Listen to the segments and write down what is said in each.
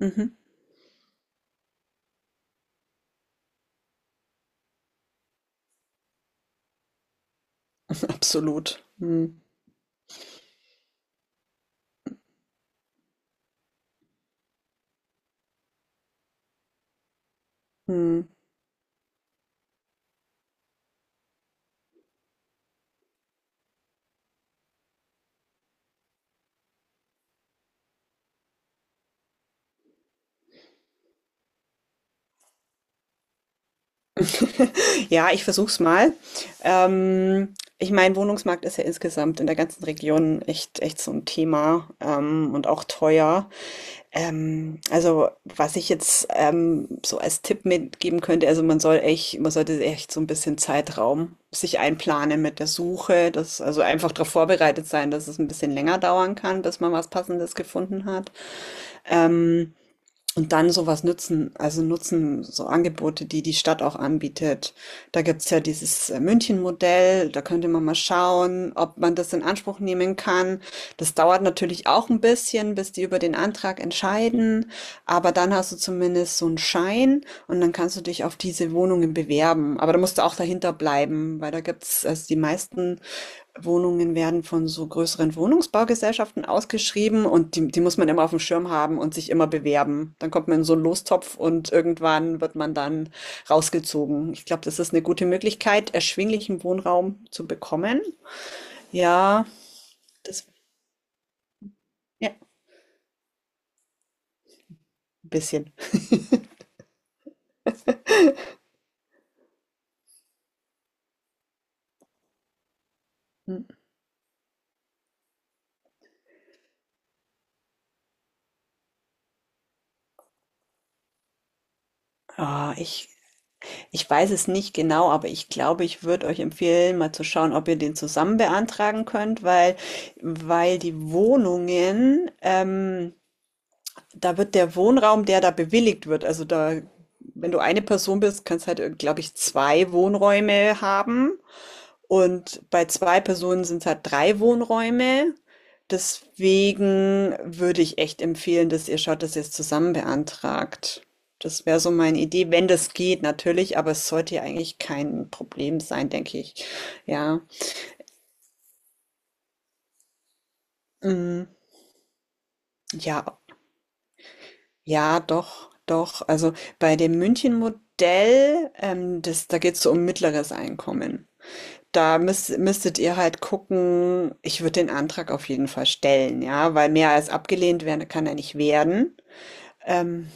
Mhm. Mhm. Mhm. Ja, ich versuch's mal. Ich meine, Wohnungsmarkt ist ja insgesamt in der ganzen Region echt, echt so ein Thema und auch teuer. Also was ich jetzt so als Tipp mitgeben könnte, also man sollte echt so ein bisschen Zeitraum sich einplanen mit der Suche, dass also einfach darauf vorbereitet sein, dass es ein bisschen länger dauern kann, bis man was Passendes gefunden hat. Ähm, Und dann sowas nutzen, also nutzen so Angebote, die die Stadt auch anbietet. Da gibt's ja dieses München-Modell, da könnte man mal schauen, ob man das in Anspruch nehmen kann. Das dauert natürlich auch ein bisschen, bis die über den Antrag entscheiden, aber dann hast du zumindest so einen Schein und dann kannst du dich auf diese Wohnungen bewerben. Aber da musst du auch dahinter bleiben, weil da gibt's also die meisten Wohnungen werden von so größeren Wohnungsbaugesellschaften ausgeschrieben und die muss man immer auf dem Schirm haben und sich immer bewerben. Dann kommt man in so einen Lostopf und irgendwann wird man dann rausgezogen. Ich glaube, das ist eine gute Möglichkeit, erschwinglichen Wohnraum zu bekommen. Ja, das, ja, ein bisschen. Hm. Ah, ich weiß es nicht genau, aber ich glaube, ich würde euch empfehlen, mal zu schauen, ob ihr den zusammen beantragen könnt, weil, weil die Wohnungen, da wird der Wohnraum, der da bewilligt wird, also da, wenn du eine Person bist, kannst halt, glaube ich, zwei Wohnräume haben. Und bei zwei Personen sind es halt drei Wohnräume. Deswegen würde ich echt empfehlen, dass ihr schaut, dass ihr es zusammen beantragt. Das wäre so meine Idee, wenn das geht, natürlich, aber es sollte ja eigentlich kein Problem sein, denke ich. Ja. Mm. Ja. Ja, doch, doch. Also bei dem München-Modell, das, da geht es so um mittleres Einkommen. Da müsstet ihr halt gucken, ich würde den Antrag auf jeden Fall stellen, ja, weil mehr als abgelehnt werden kann er nicht werden. Ähm,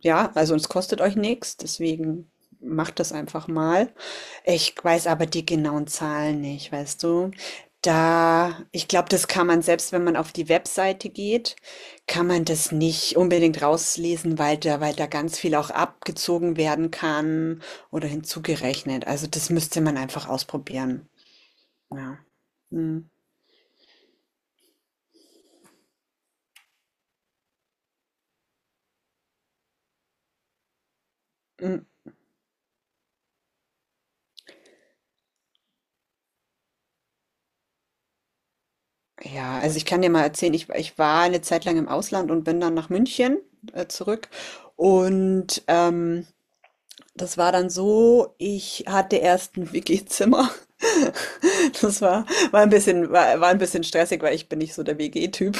ja, also es kostet euch nichts, deswegen macht das einfach mal. Ich weiß aber die genauen Zahlen nicht, weißt du? Da, ich glaube, das kann man selbst, wenn man auf die Webseite geht, kann man das nicht unbedingt rauslesen, weil da ganz viel auch abgezogen werden kann oder hinzugerechnet. Also das müsste man einfach ausprobieren. Ja. Hm. Hm. Ja, also ich kann dir mal erzählen, ich war eine Zeit lang im Ausland und bin dann nach München zurück. Und das war dann so, ich hatte erst ein WG-Zimmer. Das war, war ein bisschen stressig, weil ich bin nicht so der WG-Typ.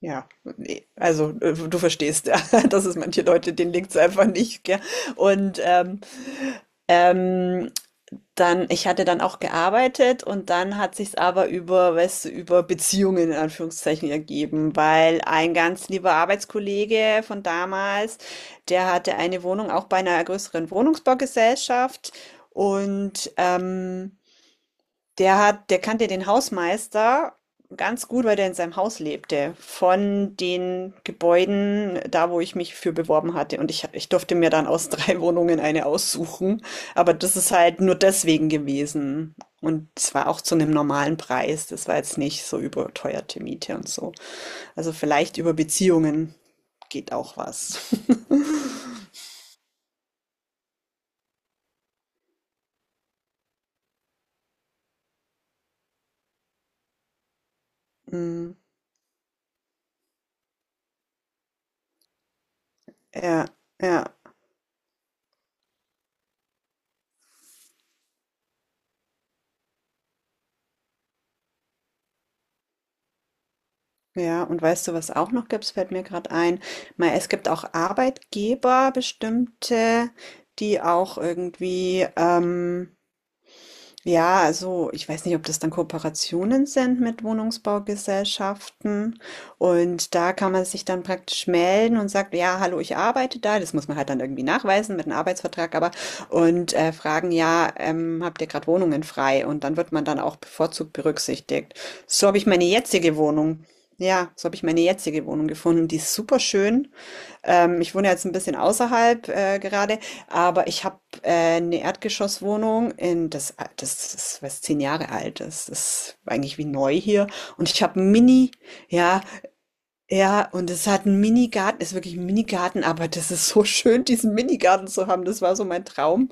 Ja, nee, also du verstehst, dass es manche Leute, denen liegt es einfach nicht, gell? Und ähm, dann, ich hatte dann auch gearbeitet und dann hat sich's aber über, weißt du, über Beziehungen in Anführungszeichen ergeben, weil ein ganz lieber Arbeitskollege von damals, der hatte eine Wohnung auch bei einer größeren Wohnungsbaugesellschaft und der kannte den Hausmeister ganz gut, weil der in seinem Haus lebte, von den Gebäuden da, wo ich mich für beworben hatte. Und ich durfte mir dann aus 3 Wohnungen eine aussuchen, aber das ist halt nur deswegen gewesen. Und es war auch zu einem normalen Preis. Das war jetzt nicht so überteuerte Miete und so. Also, vielleicht über Beziehungen geht auch was. Mhm. Ja, ja. Ja, und weißt du, was auch noch gibt? Es fällt mir gerade ein. Mei, es gibt auch Arbeitgeber, bestimmte, die auch irgendwie ja, also ich weiß nicht, ob das dann Kooperationen sind mit Wohnungsbaugesellschaften. Und da kann man sich dann praktisch melden und sagt, ja, hallo, ich arbeite da. Das muss man halt dann irgendwie nachweisen mit einem Arbeitsvertrag, aber fragen, ja, habt ihr gerade Wohnungen frei? Und dann wird man dann auch bevorzugt berücksichtigt. So habe ich meine jetzige Wohnung. Ja, so habe ich meine jetzige Wohnung gefunden. Die ist super schön. Ich wohne jetzt ein bisschen außerhalb gerade, aber ich habe eine Erdgeschosswohnung in das, das ist was zehn Jahre alt. Das ist eigentlich wie neu hier. Und ich habe einen ja, ja, und es hat einen Minigarten, ist wirklich ein Minigarten, aber das ist so schön, diesen Minigarten zu haben. Das war so mein Traum.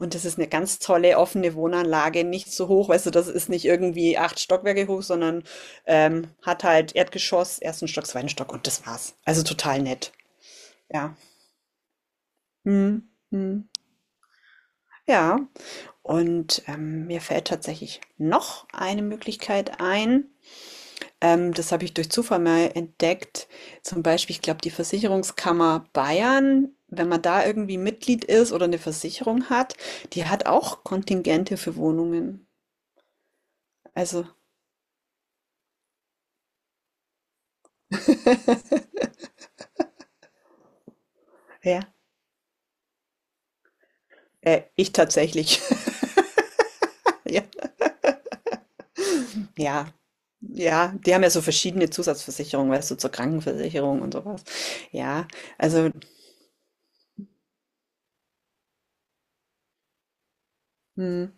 Und das ist eine ganz tolle offene Wohnanlage, nicht so hoch, weißt du, das ist nicht irgendwie acht Stockwerke hoch, sondern hat halt Erdgeschoss, ersten Stock, zweiten Stock und das war's. Also total nett. Ja. Mhm, mhm. Ja, und, mir fällt tatsächlich noch eine Möglichkeit ein. Das habe ich durch Zufall mal entdeckt. Zum Beispiel, ich glaube, die Versicherungskammer Bayern, wenn man da irgendwie Mitglied ist oder eine Versicherung hat, die hat auch Kontingente für Wohnungen. Also, ja, ich tatsächlich. Ja, ja, ja, die haben ja so verschiedene Zusatzversicherungen, weißt du, zur Krankenversicherung und sowas. Ja, also mhm,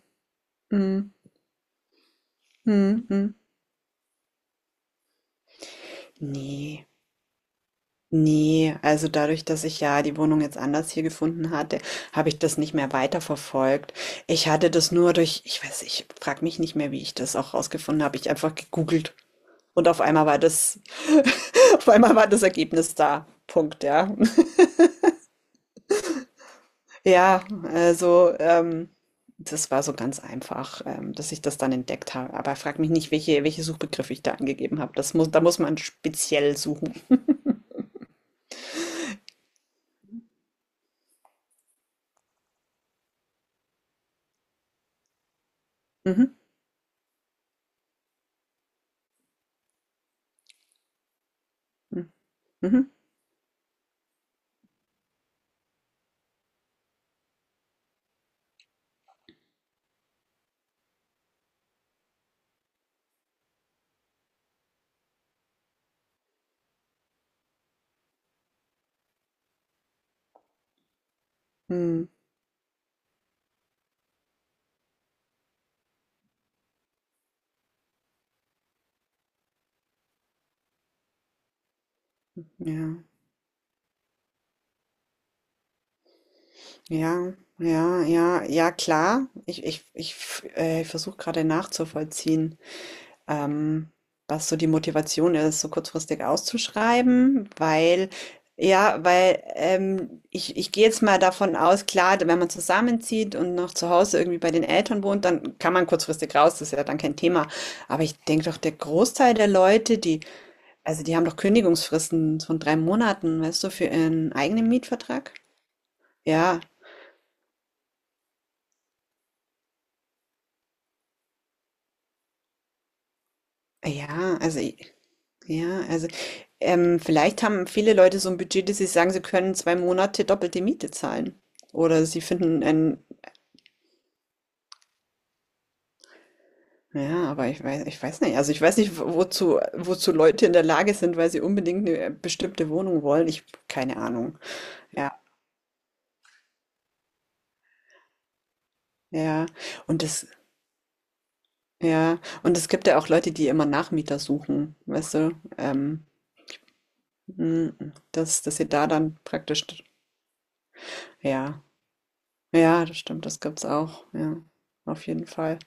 mhm. Mhm, mhm. Ne, ne. Also, dadurch, dass ich ja die Wohnung jetzt anders hier gefunden hatte, habe ich das nicht mehr weiterverfolgt. Ich hatte das nur durch ich frage mich nicht mehr, wie ich das auch rausgefunden habe. Ich einfach gegoogelt und auf einmal war das auf einmal war das Ergebnis da. Punkt, ja. Ja, also, das war so ganz einfach, dass ich das dann entdeckt habe. Aber frag mich nicht, welche Suchbegriffe ich da angegeben habe. Das muss da muss man speziell suchen. Mhm. Mhm. Mhm. Mhm. Ja, ja, ja, ja, ja, klar. Ich versuche gerade nachzuvollziehen, ähm, was so die Motivation ist, so kurzfristig auszuschreiben, weil, ja, weil ich gehe jetzt mal davon aus, klar, wenn man zusammenzieht und noch zu Hause irgendwie bei den Eltern wohnt, dann kann man kurzfristig raus, das ist ja dann kein Thema. Aber ich denke doch, der Großteil der Leute, die, also die haben doch Kündigungsfristen von drei Monaten, weißt du, für ihren eigenen Mietvertrag. Ja. Ja, also i ja, also, vielleicht haben viele Leute so ein Budget, dass sie sagen, sie können 2 Monate doppelte Miete zahlen. Oder sie finden ein ja, aber ich weiß nicht. Also, ich weiß nicht, wo wozu Leute in der Lage sind, weil sie unbedingt eine bestimmte Wohnung wollen. Ich keine Ahnung. Ja, ja. Und das ja, und es gibt ja auch Leute, die immer Nachmieter suchen, weißt du? Mhm, dass sie da dann praktisch ja, ja, das stimmt, das gibt's auch, ja, auf jeden Fall.